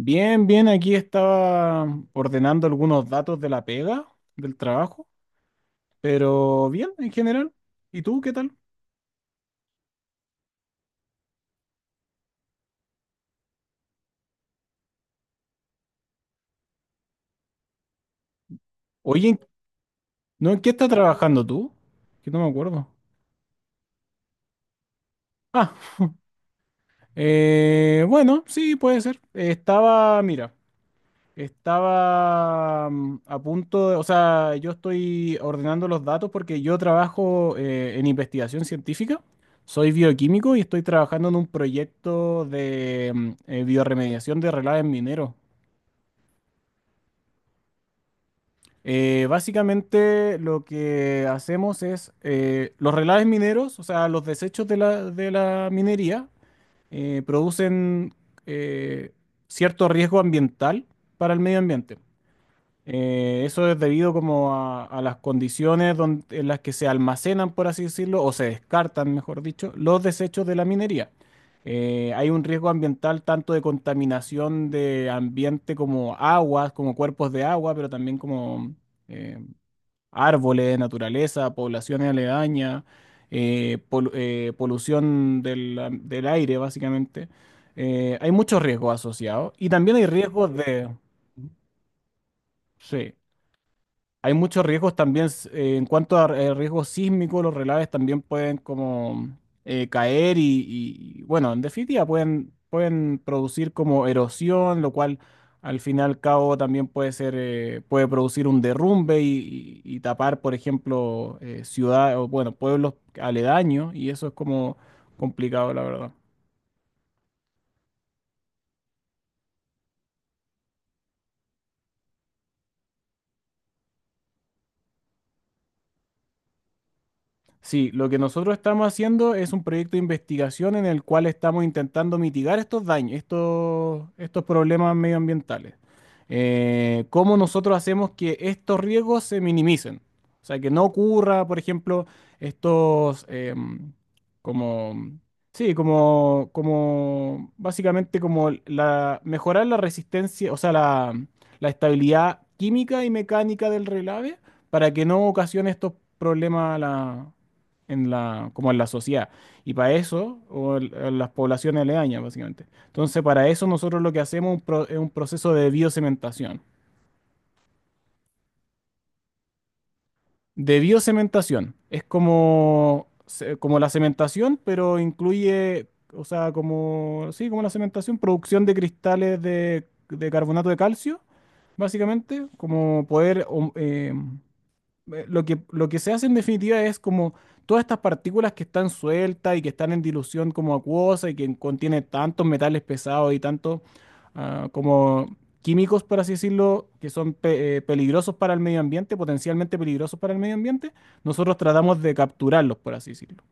Bien, bien, aquí estaba ordenando algunos datos de la pega, del trabajo, pero bien en general. ¿Y tú qué tal? Oye, ¿no en qué estás trabajando tú? Que no me acuerdo. Ah, bueno, sí, puede ser. Estaba, mira, estaba a punto de, o sea, yo estoy ordenando los datos porque yo trabajo en investigación científica. Soy bioquímico y estoy trabajando en un proyecto de bioremediación de relaves mineros. Básicamente lo que hacemos es los relaves mineros, o sea, los desechos de la minería, producen eh, cierto riesgo ambiental para el medio ambiente. Eso es debido como a las condiciones en las que se almacenan, por así decirlo, o se descartan, mejor dicho, los desechos de la minería. Hay un riesgo ambiental tanto de contaminación de ambiente como aguas, como cuerpos de agua, pero también como em, árboles, naturaleza, poblaciones aledañas, polución del aire, básicamente. Hay muchos riesgos asociados y también hay riesgos de... Sí. Hay muchos riesgos también en cuanto a riesgos sísmicos, los relaves también pueden como caer y, bueno, en definitiva pueden producir como erosión, lo cual al final al cabo también puede ser, puede producir un derrumbe y tapar, por ejemplo, ciudades o bueno, pueblos aledaños, y eso es como complicado, la verdad. Sí, lo que nosotros estamos haciendo es un proyecto de investigación en el cual estamos intentando mitigar estos daños, estos problemas medioambientales. ¿Cómo nosotros hacemos que estos riesgos se minimicen? O sea, que no ocurra, por ejemplo, estos, em, como, sí, como, como, básicamente como mejorar la resistencia, o sea, la estabilidad química y mecánica del relave para que no ocasione estos problemas a la en la, como en la sociedad. Y para eso, en las poblaciones aledañas, básicamente. Entonces, para eso nosotros lo que hacemos es un proceso de biocementación. De biocementación. Es como, como la cementación, pero incluye, o sea, como la cementación, producción de cristales de carbonato de calcio, básicamente, como poder... lo que se hace en definitiva es como todas estas partículas que están sueltas y que están en dilución como acuosa y que contiene tantos metales pesados y tantos como químicos, por así decirlo, que son peligrosos para el medio ambiente, potencialmente peligrosos para el medio ambiente. Nosotros tratamos de capturarlos, por así decirlo.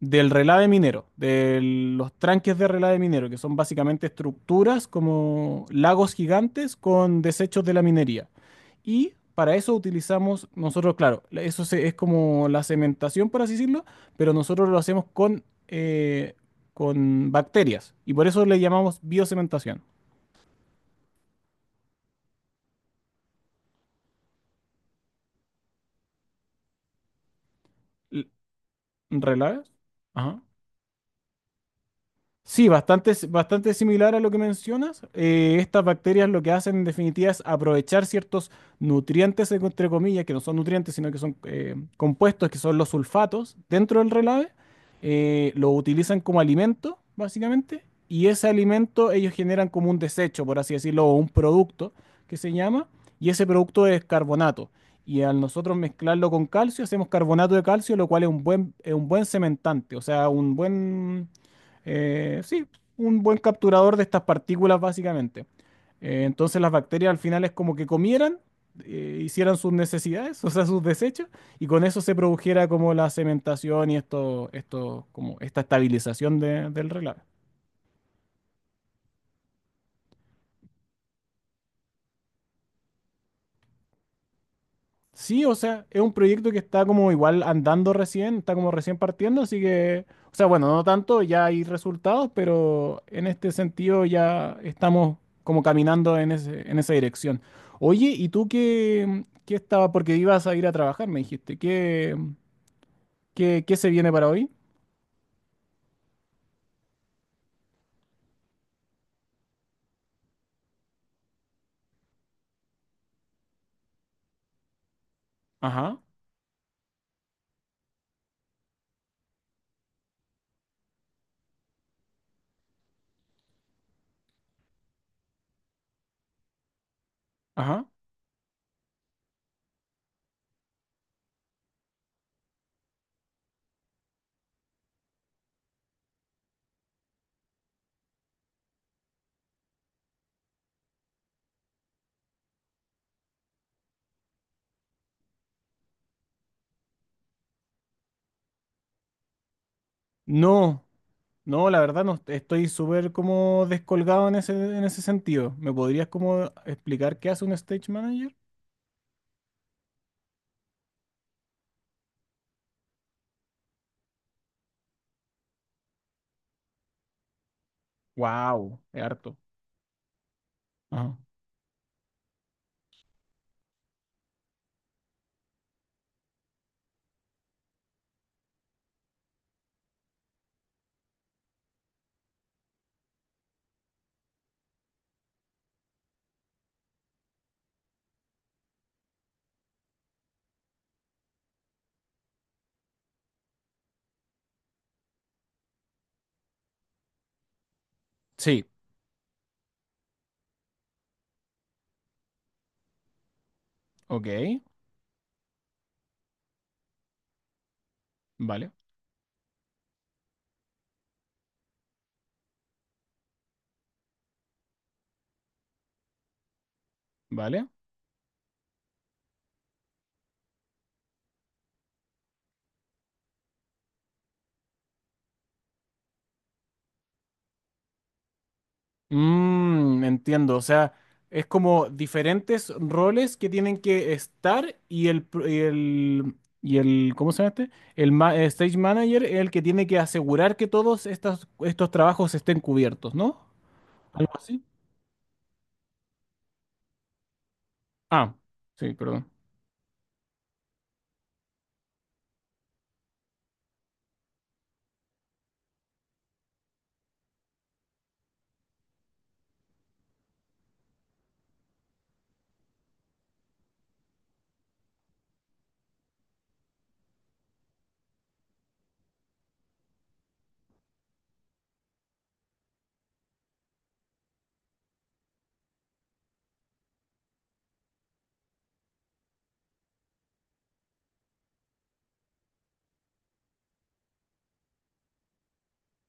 Del relave minero, de los tranques de relave minero, que son básicamente estructuras como lagos gigantes con desechos de la minería. Y para eso utilizamos nosotros, claro, es como la cementación, por así decirlo, pero nosotros lo hacemos con bacterias. Y por eso le llamamos biocementación. L- ¿Relaves? Ajá. Sí, bastante, bastante similar a lo que mencionas. Estas bacterias lo que hacen en definitiva es aprovechar ciertos nutrientes, entre comillas, que no son nutrientes, sino que son compuestos, que son los sulfatos, dentro del relave. Eh, lo utilizan como alimento, básicamente, y ese alimento ellos generan como un desecho, por así decirlo, o un producto que se llama, y ese producto es carbonato. Y al nosotros mezclarlo con calcio, hacemos carbonato de calcio, lo cual es un buen cementante, o sea, un buen eh, sí, un buen capturador de estas partículas básicamente. Entonces las bacterias al final es como que comieran, hicieran sus necesidades, o sea, sus desechos, y con eso se produjera como la cementación y como esta estabilización del relave. Sí, o sea, es un proyecto que está como igual andando recién, está como recién partiendo, así que, o sea, bueno, no tanto, ya hay resultados, pero en este sentido ya estamos como caminando en ese, en esa dirección. Oye, ¿y tú qué, qué estaba? Porque ibas a ir a trabajar, me dijiste. ¿Qué, qué se viene para hoy? Ajá, ajá. No, no, la verdad no, estoy súper como descolgado en ese sentido. ¿Me podrías como explicar qué hace un stage manager? Wow, es harto. Ajá. Sí, ok, vale, vale. Mm, entiendo, o sea, es como diferentes roles que tienen que estar y el, ¿cómo se llama este? Stage manager es el que tiene que asegurar que todos estos, estos trabajos estén cubiertos, ¿no? ¿Algo así? Ah, sí, perdón.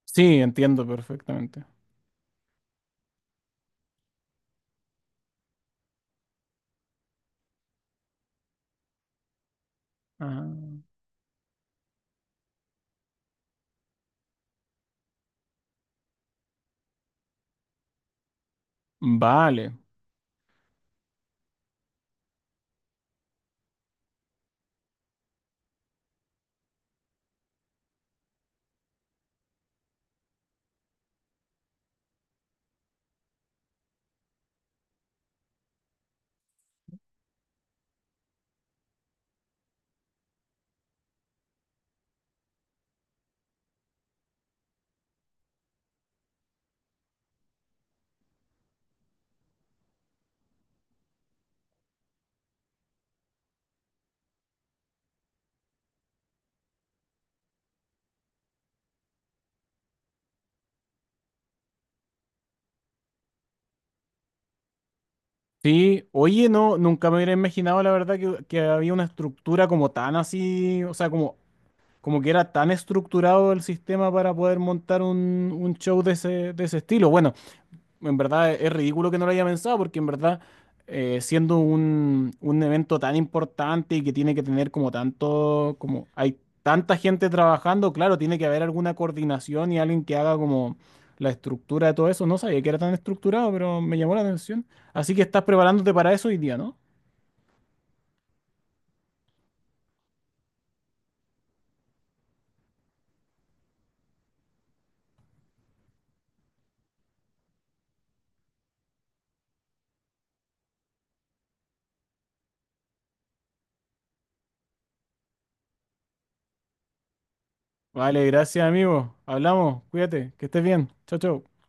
Sí, entiendo perfectamente. Ah, vale. Sí, oye, no, nunca me hubiera imaginado la verdad que había una estructura como tan así, o sea, como como que era tan estructurado el sistema para poder montar un show de ese estilo. Bueno, en verdad es ridículo que no lo haya pensado, porque en verdad, siendo un evento tan importante y que tiene que tener como tanto, como hay tanta gente trabajando, claro, tiene que haber alguna coordinación y alguien que haga como la estructura de todo eso. No sabía que era tan estructurado, pero me llamó la atención. Así que estás preparándote para eso hoy día, ¿no? Vale, gracias, amigo. Hablamos, cuídate, que estés bien. Chao, chao.